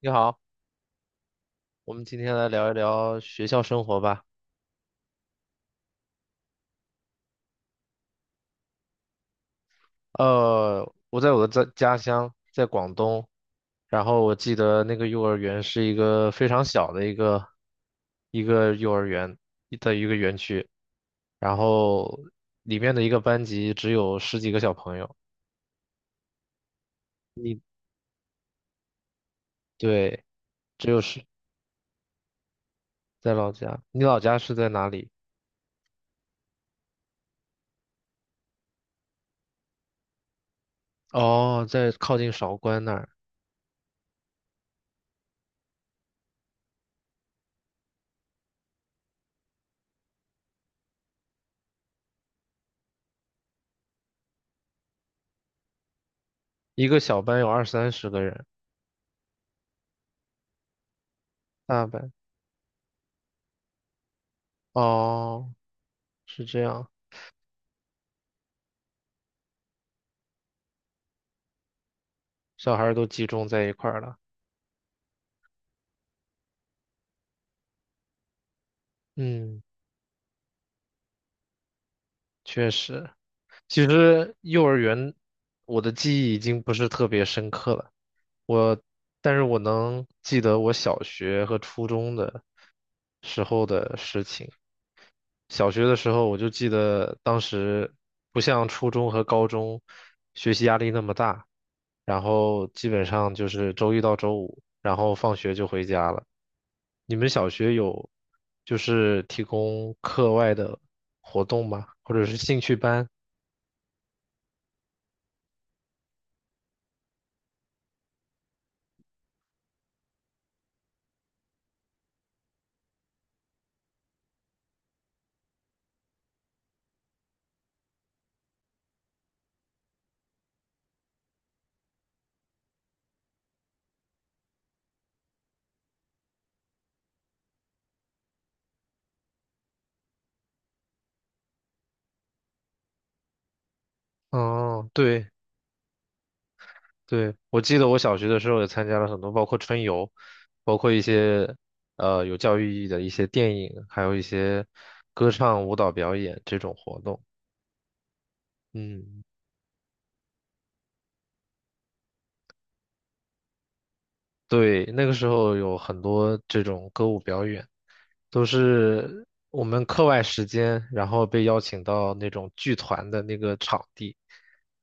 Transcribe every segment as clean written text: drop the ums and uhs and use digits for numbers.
你好，我们今天来聊一聊学校生活吧。我在我的家乡，在广东，然后我记得那个幼儿园是一个非常小的一个幼儿园的一个园区，然后里面的一个班级只有十几个小朋友。你对，只有十，在老家。你老家是在哪里？哦，在靠近韶关那儿，一个小班有二三十个人，大班。哦，是这样。小孩儿都集中在一块儿了。嗯，确实，其实幼儿园我的记忆已经不是特别深刻了，我，但是我能记得我小学和初中的时候的事情。小学的时候，我就记得当时不像初中和高中学习压力那么大，然后基本上就是周一到周五，然后放学就回家了。你们小学有就是提供课外的活动吗？或者是兴趣班？哦，对对，我记得我小学的时候也参加了很多，包括春游，包括一些有教育意义的一些电影，还有一些歌唱、舞蹈表演这种活动。嗯，对，那个时候有很多这种歌舞表演，都是我们课外时间，然后被邀请到那种剧团的那个场地，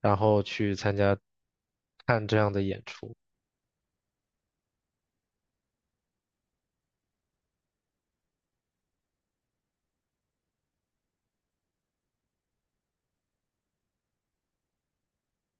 然后去参加看这样的演出。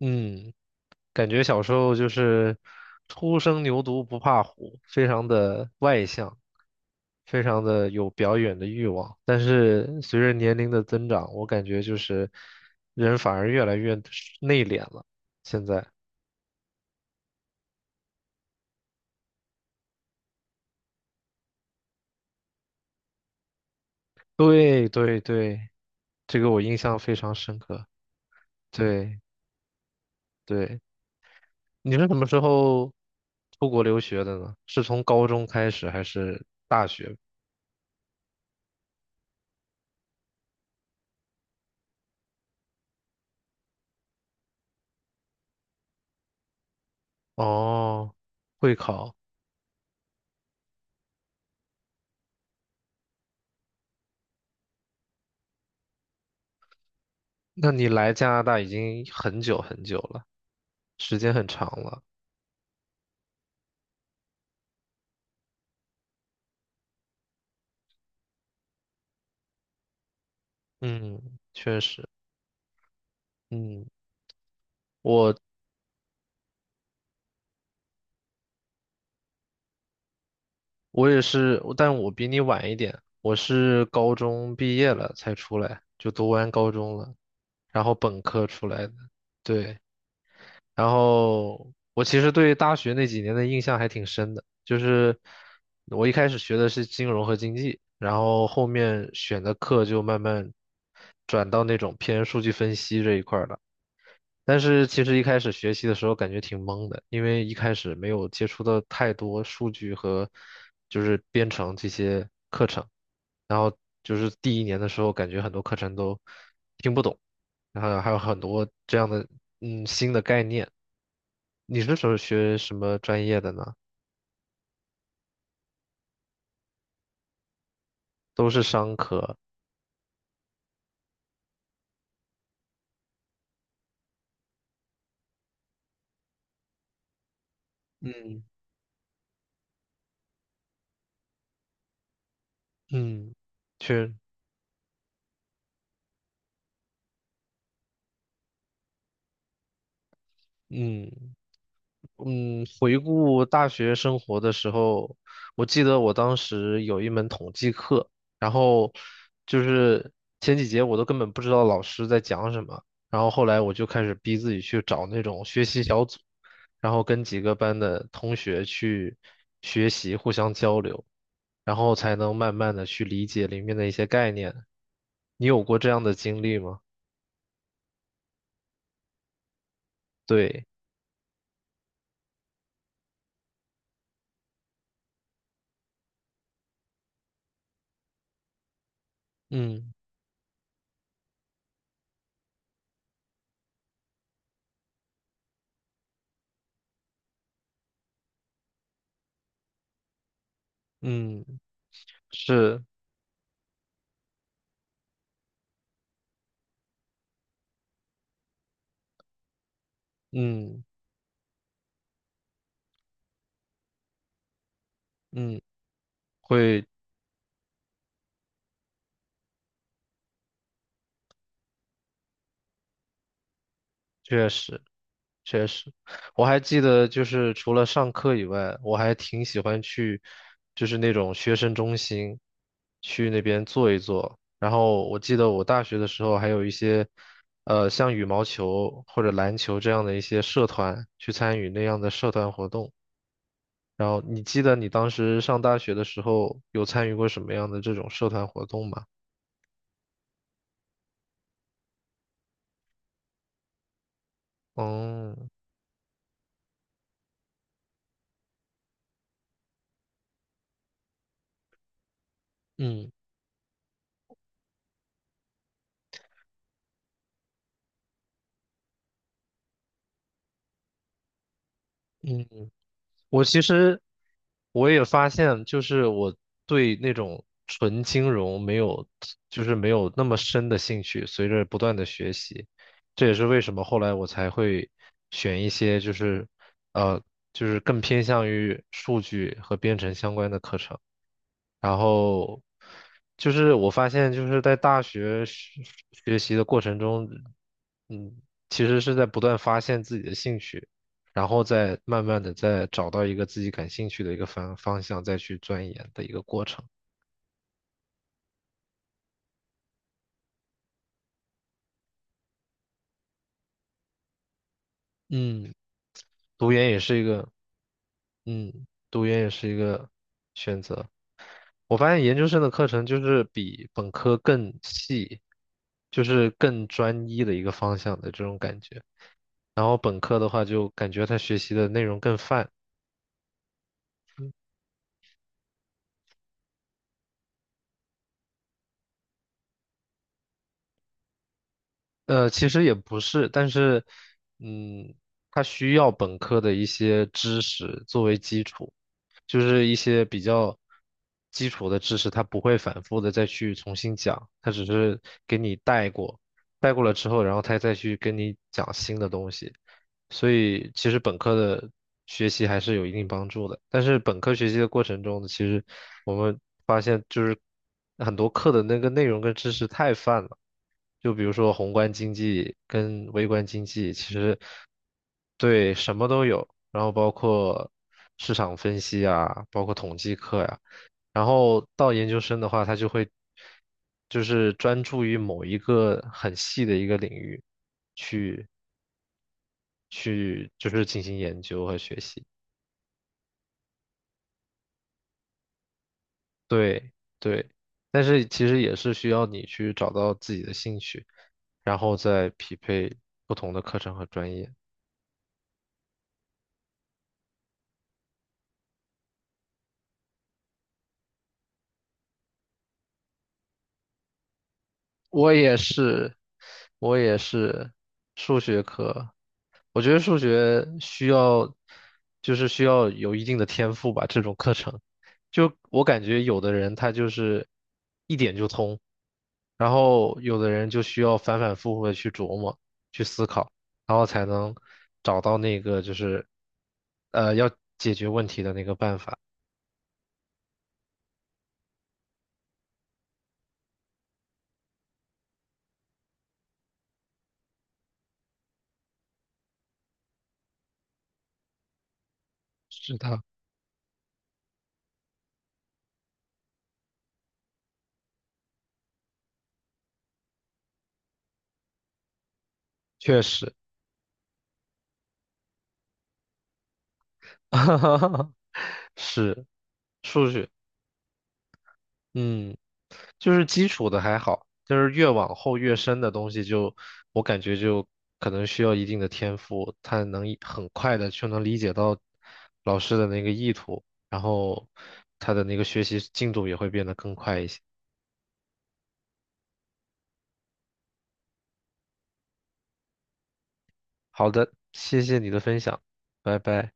嗯。感觉小时候就是初生牛犊不怕虎，非常的外向，非常的有表演的欲望。但是随着年龄的增长，我感觉就是人反而越来越内敛了。现在，对对对，这个我印象非常深刻。对对，你是什么时候出国留学的呢？是从高中开始还是大学？哦，会考。那你来加拿大已经很久很久了，时间很长了。嗯，确实。嗯，我我也是，但我比你晚一点，我是高中毕业了才出来，就读完高中了，然后本科出来的。对，然后我其实对大学那几年的印象还挺深的，就是我一开始学的是金融和经济，然后后面选的课就慢慢转到那种偏数据分析这一块儿了。但是其实一开始学习的时候感觉挺懵的，因为一开始没有接触到太多数据和就是编程这些课程，然后就是第一年的时候感觉很多课程都听不懂，然后还有很多这样的新的概念。你是学什么专业的呢？都是商科，嗯。嗯，确，嗯。嗯，回顾大学生活的时候，我记得我当时有一门统计课，然后就是前几节我都根本不知道老师在讲什么，然后后来我就开始逼自己去找那种学习小组，然后跟几个班的同学去学习，互相交流，然后才能慢慢的去理解里面的一些概念。你有过这样的经历吗？对，嗯嗯，是，嗯嗯。会。确实，确实，我还记得，就是除了上课以外，我还挺喜欢去，就是那种学生中心，去那边坐一坐。然后我记得我大学的时候还有一些，像羽毛球或者篮球这样的一些社团，去参与那样的社团活动。然后你记得你当时上大学的时候有参与过什么样的这种社团活动吗？哦，嗯嗯。我其实也发现，就是我对那种纯金融没有，就是没有那么深的兴趣。随着不断的学习，这也是为什么后来我才会选一些就是呃就是更偏向于数据和编程相关的课程。然后就是我发现，就是在大学学习的过程中，嗯，其实是在不断发现自己的兴趣，然后再慢慢的再找到一个自己感兴趣的一个方向，再去钻研的一个过程。嗯，读研也是一个，嗯，读研也是一个选择。我发现研究生的课程就是比本科更细，就是更专一的一个方向的这种感觉。然后本科的话，就感觉他学习的内容更泛。其实也不是，但是，嗯，他需要本科的一些知识作为基础，就是一些比较基础的知识，他不会反复的再去重新讲，他只是给你带过，带过了之后，然后他再去跟你讲新的东西，所以其实本科的学习还是有一定帮助的，但是本科学习的过程中呢，其实我们发现就是很多课的那个内容跟知识太泛了。就比如说宏观经济跟微观经济，其实对什么都有，然后包括市场分析啊，包括统计课呀、然后到研究生的话，他就会就是专注于某一个很细的一个领域去去就是进行研究和学习。对对，但是其实也是需要你去找到自己的兴趣，然后再匹配不同的课程和专业。我也是，我也是数学科。我觉得数学需要，就是需要有一定的天赋吧，这种课程。就我感觉有的人他就是一点就通，然后有的人就需要反反复复的去琢磨、去思考，然后才能找到那个就是要解决问题的那个办法。是的，确实，是数学。嗯，就是基础的还好，就是越往后越深的东西就，我感觉就可能需要一定的天赋，他能很快的就能理解到老师的那个意图，然后他的那个学习进度也会变得更快一些。好的，谢谢你的分享，拜拜。